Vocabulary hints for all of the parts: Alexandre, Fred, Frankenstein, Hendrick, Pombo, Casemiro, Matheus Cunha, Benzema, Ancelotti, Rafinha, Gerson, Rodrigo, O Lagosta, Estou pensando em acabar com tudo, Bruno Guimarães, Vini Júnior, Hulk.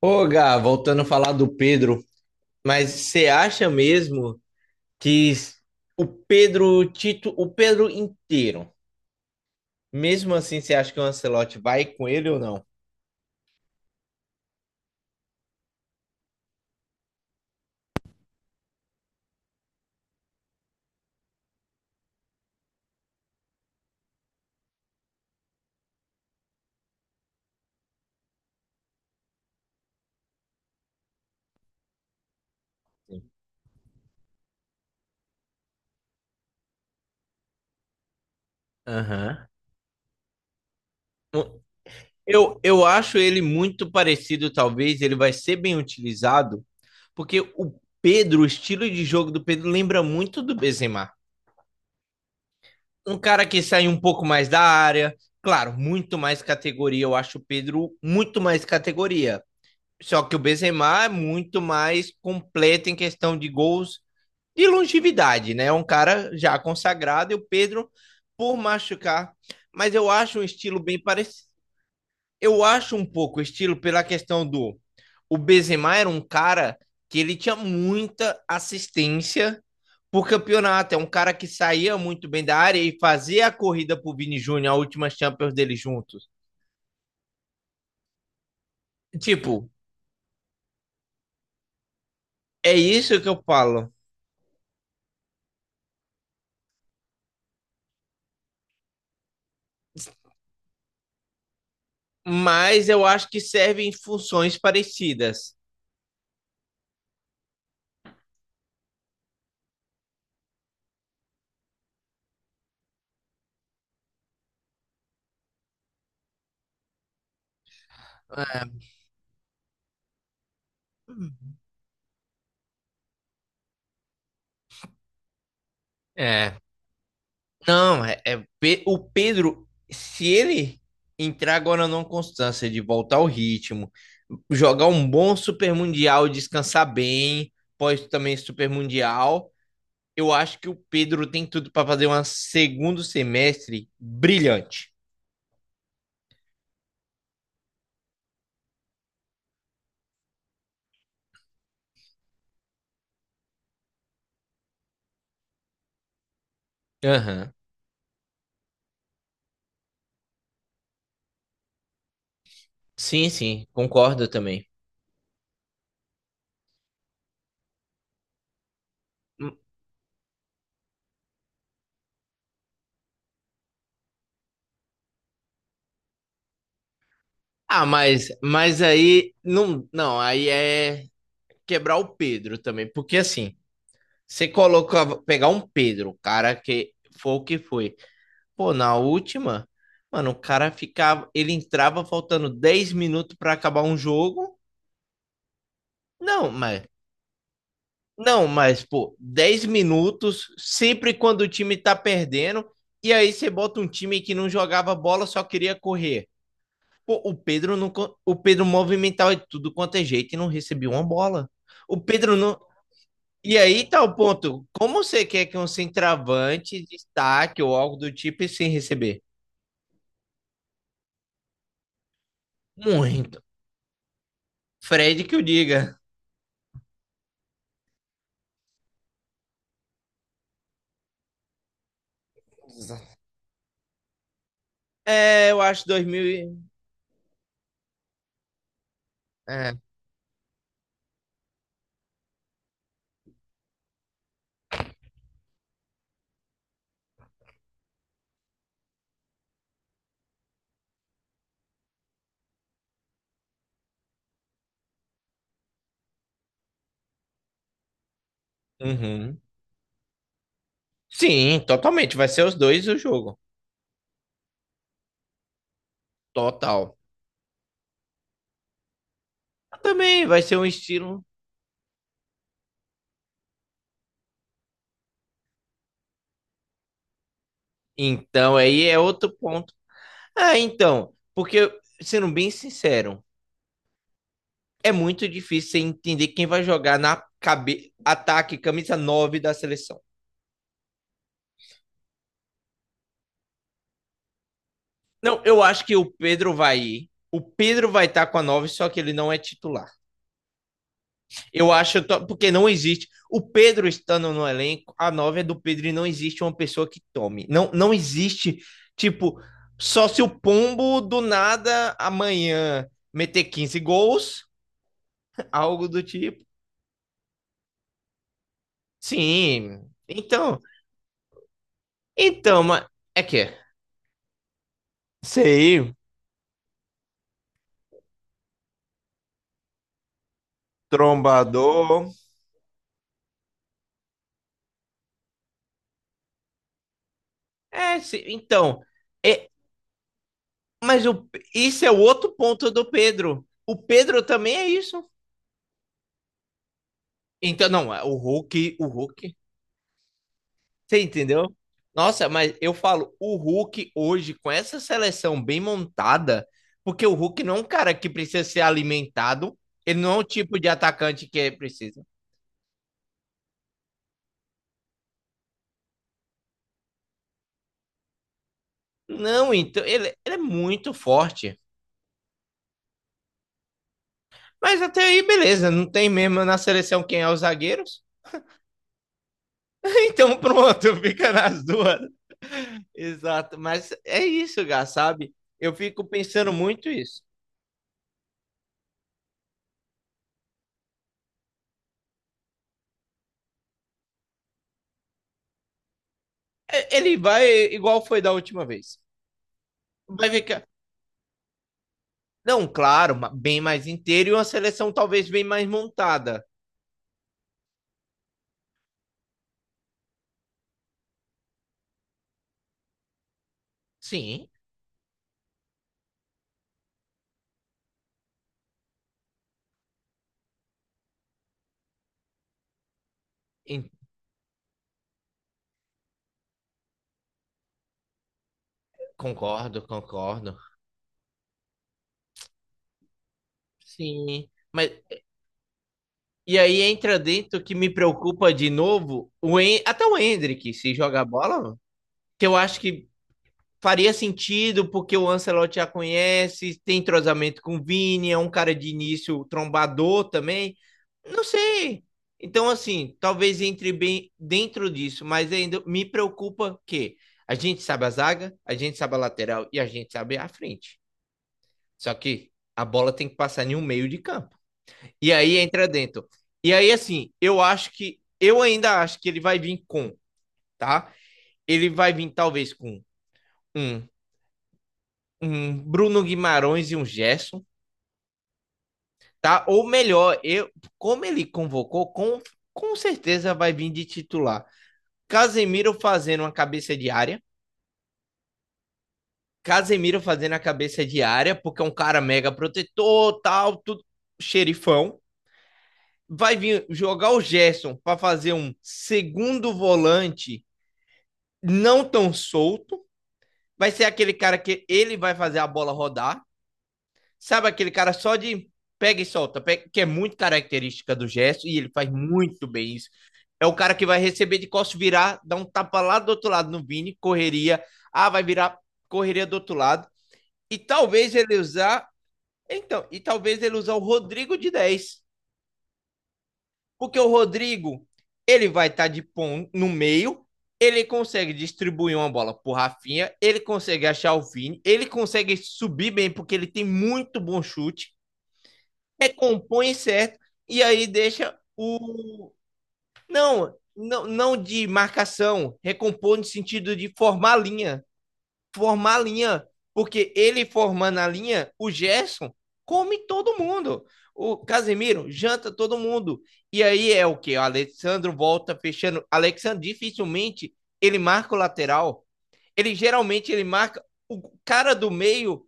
Ô, Gá, voltando a falar do Pedro, mas você acha mesmo que s- o Pedro Tito, o Pedro inteiro, mesmo assim, você acha que o Ancelotti vai com ele ou não? Aham. Eu acho ele muito parecido, talvez ele vai ser bem utilizado, porque o Pedro, o estilo de jogo do Pedro lembra muito do Benzema. Um cara que sai um pouco mais da área, claro, muito mais categoria. Eu acho o Pedro muito mais categoria. Só que o Benzema é muito mais completo em questão de gols e longevidade, né? É um cara já consagrado e o Pedro por machucar. Mas eu acho um estilo bem parecido. Eu acho um pouco o estilo pela questão do. O Benzema era um cara que ele tinha muita assistência por campeonato. É um cara que saía muito bem da área e fazia a corrida pro Vini Júnior, a última Champions dele juntos. Tipo, é isso que eu falo. Mas eu acho que servem funções parecidas. É, é. Não, é, o Pedro, se ele entrar agora numa constância de voltar ao ritmo, jogar um bom Super Mundial, descansar bem, pós também Super Mundial, eu acho que o Pedro tem tudo para fazer um segundo semestre brilhante. Aham. Sim, sim, concordo também. Ah, mas aí não, não, aí é quebrar o Pedro também, porque assim, você coloca, pegar um Pedro, o cara que foi o que foi. Pô, na última, mano, o cara ficava, ele entrava faltando 10 minutos para acabar um jogo. Não, mas não, mas pô, 10 minutos sempre quando o time tá perdendo e aí você bota um time que não jogava bola, só queria correr. Pô, o Pedro não, o Pedro movimentava de tudo quanto é jeito e não recebia uma bola. O Pedro não, e aí tá o ponto. Como você quer que um centroavante destaque ou algo do tipo sem receber? Muito. Fred que o diga. É, eu acho 2000. É. Uhum. Sim, totalmente. Vai ser os dois o jogo. Total. Também vai ser um estilo. Então, aí é outro ponto. Ah, então. Porque, sendo bem sincero, é muito difícil você entender quem vai jogar na cabe... ataque, camisa 9 da seleção. Não, eu acho que o Pedro vai ir. O Pedro vai estar com a 9, só que ele não é titular. Eu acho, porque não existe. O Pedro estando no elenco, a 9 é do Pedro e não existe uma pessoa que tome. Não, não existe, tipo, só se o Pombo do nada amanhã meter 15 gols, algo do tipo. Sim. Então, então, mas é que é. Sei, trombador. É, se- então, é, Mas o, isso é o outro ponto do Pedro. O Pedro também é isso. Então, não, é o Hulk, o Hulk. Você entendeu? Nossa, mas eu falo, o Hulk hoje, com essa seleção bem montada, porque o Hulk não é um cara que precisa ser alimentado, ele não é o tipo de atacante que precisa. Não, então, ele é muito forte. Mas até aí, beleza, não tem mesmo na seleção quem é os zagueiros. Então pronto, fica nas duas. Exato, mas é isso, Gá, sabe? Eu fico pensando muito isso. É, ele vai igual foi da última vez. Vai ficar. Não, claro, bem mais inteiro e uma seleção talvez bem mais montada. Sim, en- concordo, concordo. Sim, mas e aí entra dentro que me preocupa de novo o até o Hendrick se jogar bola, que eu acho que faria sentido porque o Ancelotti já conhece, tem entrosamento com o Vini, é um cara de início trombador também. Não sei. Então, assim, talvez entre bem dentro disso, mas ainda me preocupa que a gente sabe a zaga, a gente sabe a lateral e a gente sabe a frente. Só que a bola tem que passar em um meio de campo. E aí entra dentro. E aí, assim, eu acho que. Eu ainda acho que ele vai vir com, tá? Ele vai vir talvez com um um Bruno Guimarães e um Gerson, tá? Ou melhor, eu, como ele convocou, com certeza vai vir de titular. Casemiro fazendo uma cabeça de área, Casemiro fazendo a cabeça de área, porque é um cara mega protetor, tal, tudo, xerifão. Vai vir jogar o Gerson para fazer um segundo volante não tão solto. Vai ser aquele cara que ele vai fazer a bola rodar. Sabe aquele cara só de pega e solta, que é muito característica do gesto e ele faz muito bem isso. É o cara que vai receber de costas, virar, dar um tapa lá do outro lado no Vini, correria. Ah, vai virar correria do outro lado. E talvez ele usar o Rodrigo de 10 porque o Rodrigo, ele vai estar de pão no meio, ele consegue distribuir uma bola pro Rafinha, ele consegue achar o Vini, ele consegue subir bem porque ele tem muito bom chute. Recompõe certo e aí deixa o. Não, não, não de marcação, recompõe no sentido de formar linha. Formar linha, porque ele formando a linha, o Gerson come todo mundo. O Casemiro janta todo mundo. E aí é o que? O Alexandre volta fechando. Alexandre dificilmente ele marca o lateral. Ele geralmente ele marca o cara do meio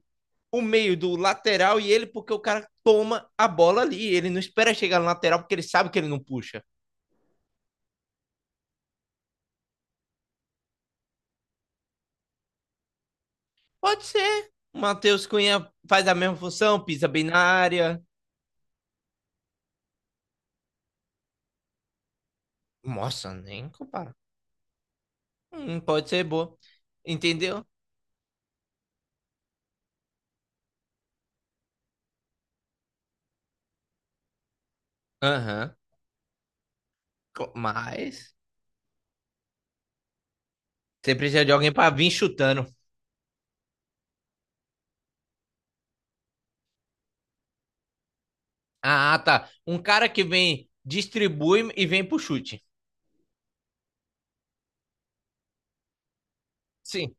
o meio do lateral e ele, porque o cara toma a bola ali. Ele não espera chegar no lateral porque ele sabe que ele não puxa. Pode ser. O Matheus Cunha faz a mesma função, pisa bem na área. Nossa, nem compara. Pode ser boa. Entendeu? Aham. Mas você precisa de alguém para vir chutando. Ah, tá. Um cara que vem, distribui e vem pro chute. Sim.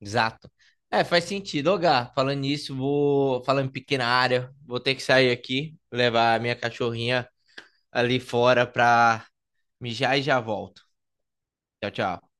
Exato. É, faz sentido. Ô, Gá, falando nisso, vou. Falando em pequena área, vou ter que sair aqui, levar a minha cachorrinha ali fora pra mijar e já volto. Tchau, tchau.